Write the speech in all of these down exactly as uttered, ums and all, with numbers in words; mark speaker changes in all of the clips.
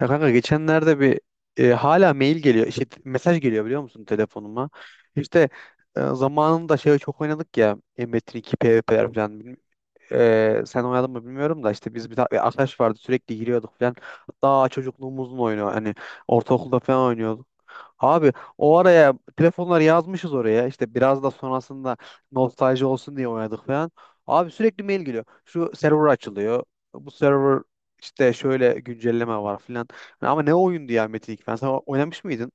Speaker 1: Ya kanka geçenlerde bir e, hala mail geliyor. İşte mesaj geliyor biliyor musun telefonuma. İşte e, zamanında şey çok oynadık ya. e, Metin iki PvP'ler falan. Ee, sen oynadın mı bilmiyorum da işte biz bir, ta- bir arkadaş vardı sürekli giriyorduk falan. Hatta çocukluğumuzun oyunu hani ortaokulda falan oynuyorduk. Abi o araya telefonları yazmışız oraya işte biraz da sonrasında nostalji olsun diye oynadık falan. Abi sürekli mail geliyor. Şu server açılıyor. Bu server işte şöyle güncelleme var falan. Ama ne oyundu ya Metin ilk ben. Sen oynamış mıydın?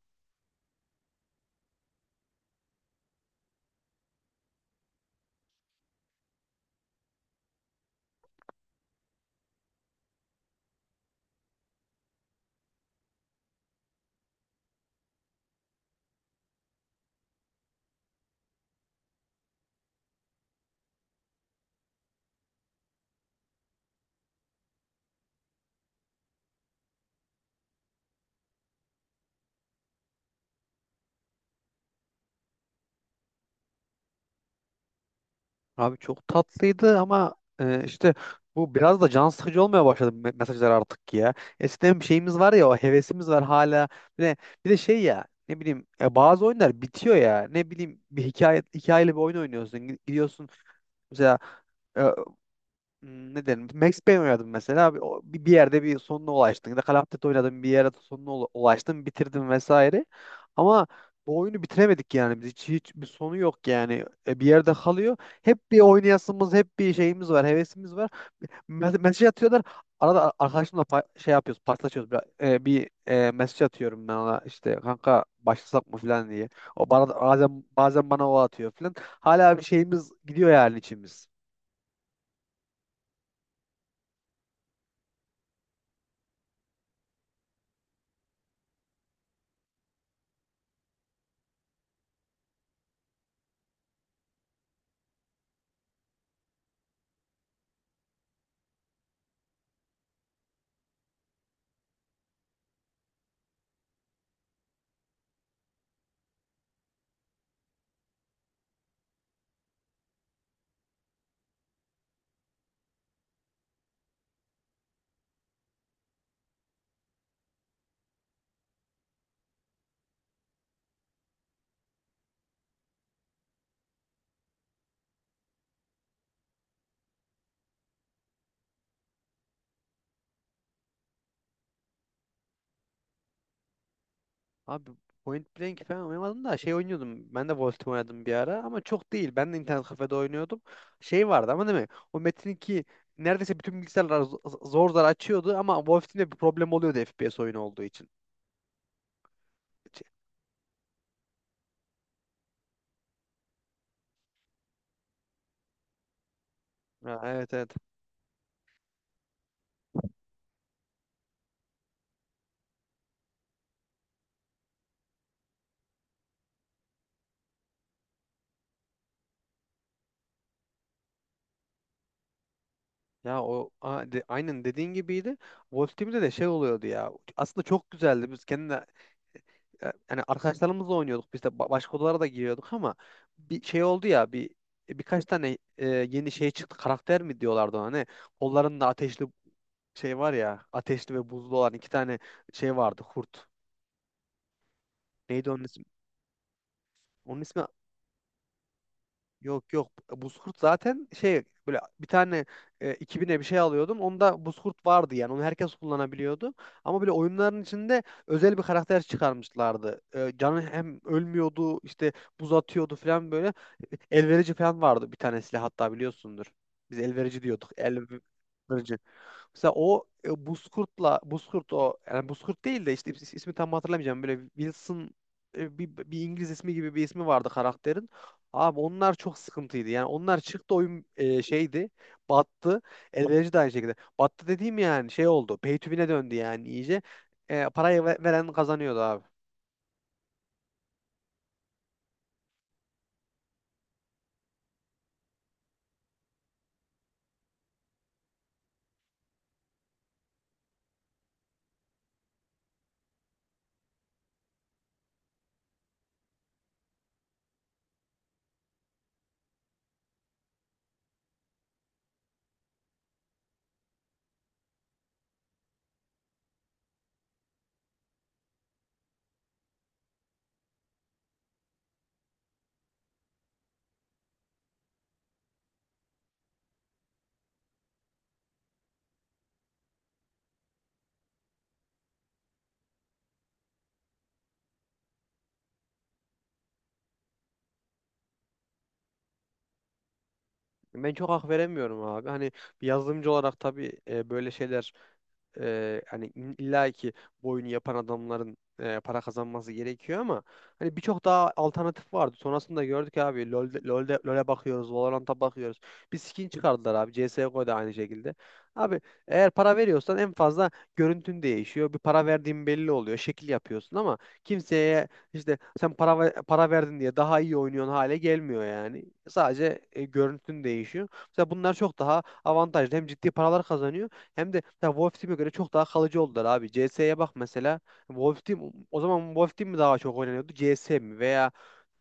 Speaker 1: Abi çok tatlıydı ama e, işte bu biraz da can sıkıcı olmaya başladı me- mesajlar artık ya. Eskiden bir şeyimiz var ya o hevesimiz var hala. Bir de, bir de şey ya ne bileyim e, bazı oyunlar bitiyor ya. Ne bileyim bir hikaye hikayeli bir oyun oynuyorsun. Gi- Gidiyorsun mesela, e, Hmm, ne derim? Max Payne oynadım mesela. Abi, o- bir bir yerde bir sonuna ulaştın. Ya da Call of Duty oynadım bir yere sonuna ula- ulaştın, bitirdin vesaire. Ama bu oyunu bitiremedik yani. Biz hiç, hiç bir sonu yok yani. E, bir yerde kalıyor. Hep bir oynayasımız, hep bir şeyimiz var, hevesimiz var. Me- mesaj atıyorlar. Arada a- arkadaşımla pa- şey yapıyoruz, paslaşıyoruz. Bir, e, bir e, mesaj atıyorum ben ona işte kanka başlasak mı falan diye. O bana da- bazen bazen bana o atıyor falan. Hala bir şeyimiz gidiyor yani içimiz. Abi Point Blank falan oynamadım da şey oynuyordum. Ben de Wolfteam oynadım bir ara ama çok değil. Ben de internet kafede oynuyordum. Şey vardı ama değil mi? O Metin iki neredeyse bütün bilgisayarlar z- zor zor açıyordu ama Wolfteam'de bir problem oluyordu F P F P S oyunu olduğu için. Ya, evet, evet. Ya o a- de- aynen dediğin gibiydi. Wolf Team'de de şey oluyordu ya. Aslında çok güzeldi. Biz kendi yani arkadaşlarımızla oynuyorduk biz de ba- başka odalara da giriyorduk ama bir şey oldu ya bir birkaç tane e, yeni şey çıktı karakter mi diyorlardı ona ne kollarında ateşli şey var ya ateşli ve buzlu olan iki tane şey vardı kurt neydi onun ismi onun ismi. Yok, yok. Buzkurt zaten şey böyle bir tane e, iki bine bir şey alıyordun. Onda buzkurt vardı yani. Onu herkes kullanabiliyordu. Ama böyle oyunların içinde özel bir karakter çıkarmışlardı. E, canı hem ölmüyordu, işte buz atıyordu falan böyle. E, Elverici falan vardı bir tane silah hatta biliyorsundur. Biz elverici diyorduk. Elverici. Mesela o e, Buzkurt'la Buzkurt o yani Buzkurt değil de işte is- ismi tam hatırlamayacağım. Böyle Wilson, e, bir, bir İngiliz ismi gibi bir ismi vardı karakterin. Abi onlar çok sıkıntıydı. Yani onlar çıktı oyun e, şeydi. Battı. Elverici de aynı şekilde. Battı dediğim yani şey oldu. Pay to win'e döndü yani iyice. E, parayı ve- veren kazanıyordu abi. Ben çok hak veremiyorum abi. Hani bir yazılımcı olarak tabii e, böyle şeyler, e, hani illa ki bu oyunu yapan adamların e, para kazanması gerekiyor ama hani birçok daha alternatif vardı. Sonrasında gördük abi LoL'de, LoL'de, LoL'e bakıyoruz, Valorant'a bakıyoruz. Bir skin çıkardılar abi. C S G O'da aynı şekilde. Abi eğer para veriyorsan en fazla görüntün değişiyor. Bir para verdiğin belli oluyor. Şekil yapıyorsun ama kimseye işte sen para ver- para verdin diye daha iyi oynuyorsun hale gelmiyor yani. Sadece e, görüntün değişiyor. Mesela bunlar çok daha avantajlı. Hem ciddi paralar kazanıyor hem de ya Wolf Team'e göre çok daha kalıcı oldular abi. C S'ye bak mesela. Wolf Team o zaman Wolf Team mi daha çok oynanıyordu? C S mi? Veya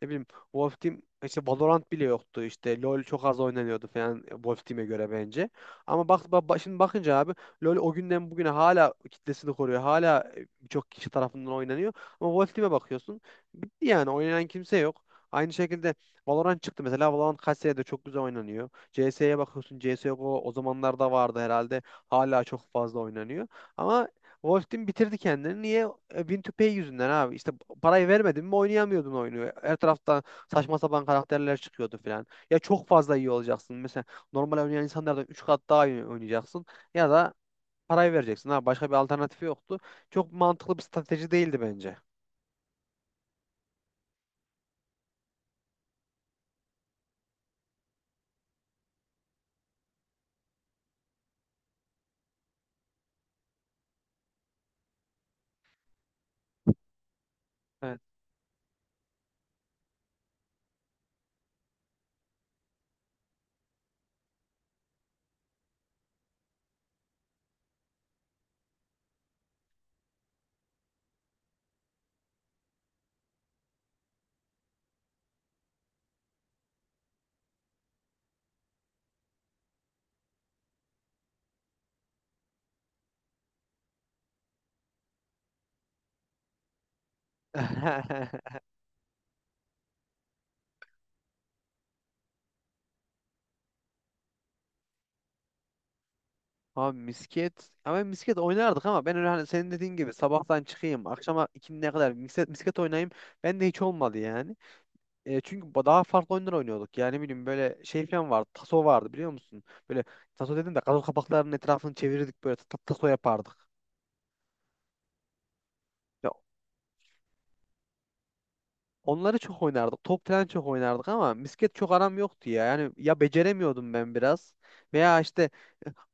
Speaker 1: ne bileyim Wolf Team işte Valorant bile yoktu işte LoL çok az oynanıyordu falan Wolf Team'e göre bence. Ama bak, ba- ba- şimdi bakınca abi LoL o günden bugüne hala kitlesini koruyor. Hala e, birçok kişi tarafından oynanıyor. Ama Wolf Team'e bakıyorsun bitti yani oynayan kimse yok. Aynı şekilde Valorant çıktı mesela. Valorant kaç senedir çok güzel oynanıyor. C S'ye bakıyorsun. C S yok o, o zamanlarda vardı herhalde. Hala çok fazla oynanıyor. Ama Wolf Team bitirdi kendini. Niye? E, win two pay yüzünden abi. İşte parayı vermedin mi oynayamıyordun oyunu. Her taraftan saçma sapan karakterler çıkıyordu falan. Ya çok fazla iyi olacaksın. Mesela normal oynayan insanlardan üç kat daha iyi oynayacaksın. Ya da parayı vereceksin. Ha, başka bir alternatifi yoktu. Çok mantıklı bir strateji değildi bence. Evet. Abi misket. Ama misket oynardık ama ben öyle hani senin dediğin gibi sabahtan çıkayım akşama ikiye kadar misket, misket oynayayım. Ben de hiç olmadı yani. E, çünkü ba- daha farklı oyunlar oynuyorduk. Yani ne bileyim böyle şey falan vardı. Taso vardı biliyor musun? Böyle taso dedim de gazoz kapaklarının etrafını çevirirdik böyle ta- taso yapardık. Ya, onları çok oynardık. Top falan çok oynardık ama misket çok aram yoktu ya. Yani ya beceremiyordum ben biraz veya işte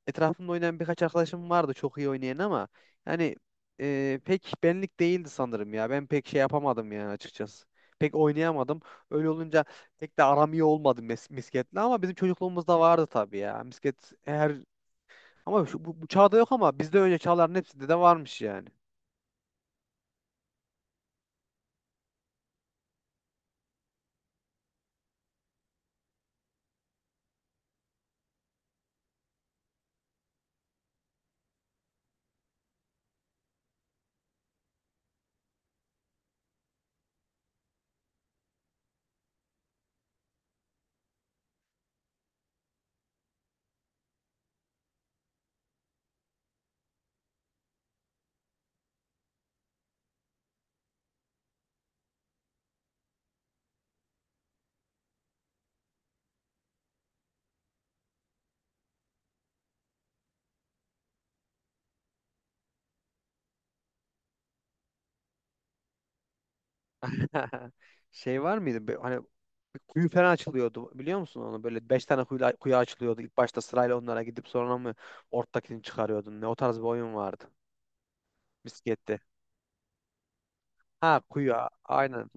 Speaker 1: etrafımda oynayan birkaç arkadaşım vardı çok iyi oynayan ama yani e, pek benlik değildi sanırım ya. Ben pek şey yapamadım yani açıkçası. Pek oynayamadım. Öyle olunca pek de aram iyi olmadı mis misketle ama bizim çocukluğumuzda vardı tabii ya. Misket her ama şu, bu, bu çağda yok ama bizde önce çağların hepsinde de varmış yani. Şey var mıydı? Be- Hani bir kuyu falan açılıyordu biliyor musun onu? Böyle beş tane kuyu, kuyu açılıyordu. İlk başta sırayla onlara gidip sonra mı ortadakini çıkarıyordun? Ne o tarz bir oyun vardı. Miskette. Ha kuyu a- aynen.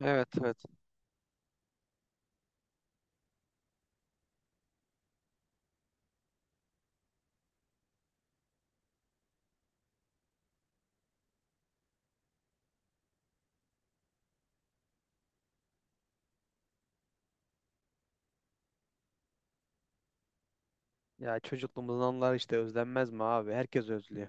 Speaker 1: Evet, evet. Ya çocukluğumuzun anıları işte özlenmez mi abi? Herkes özlüyor.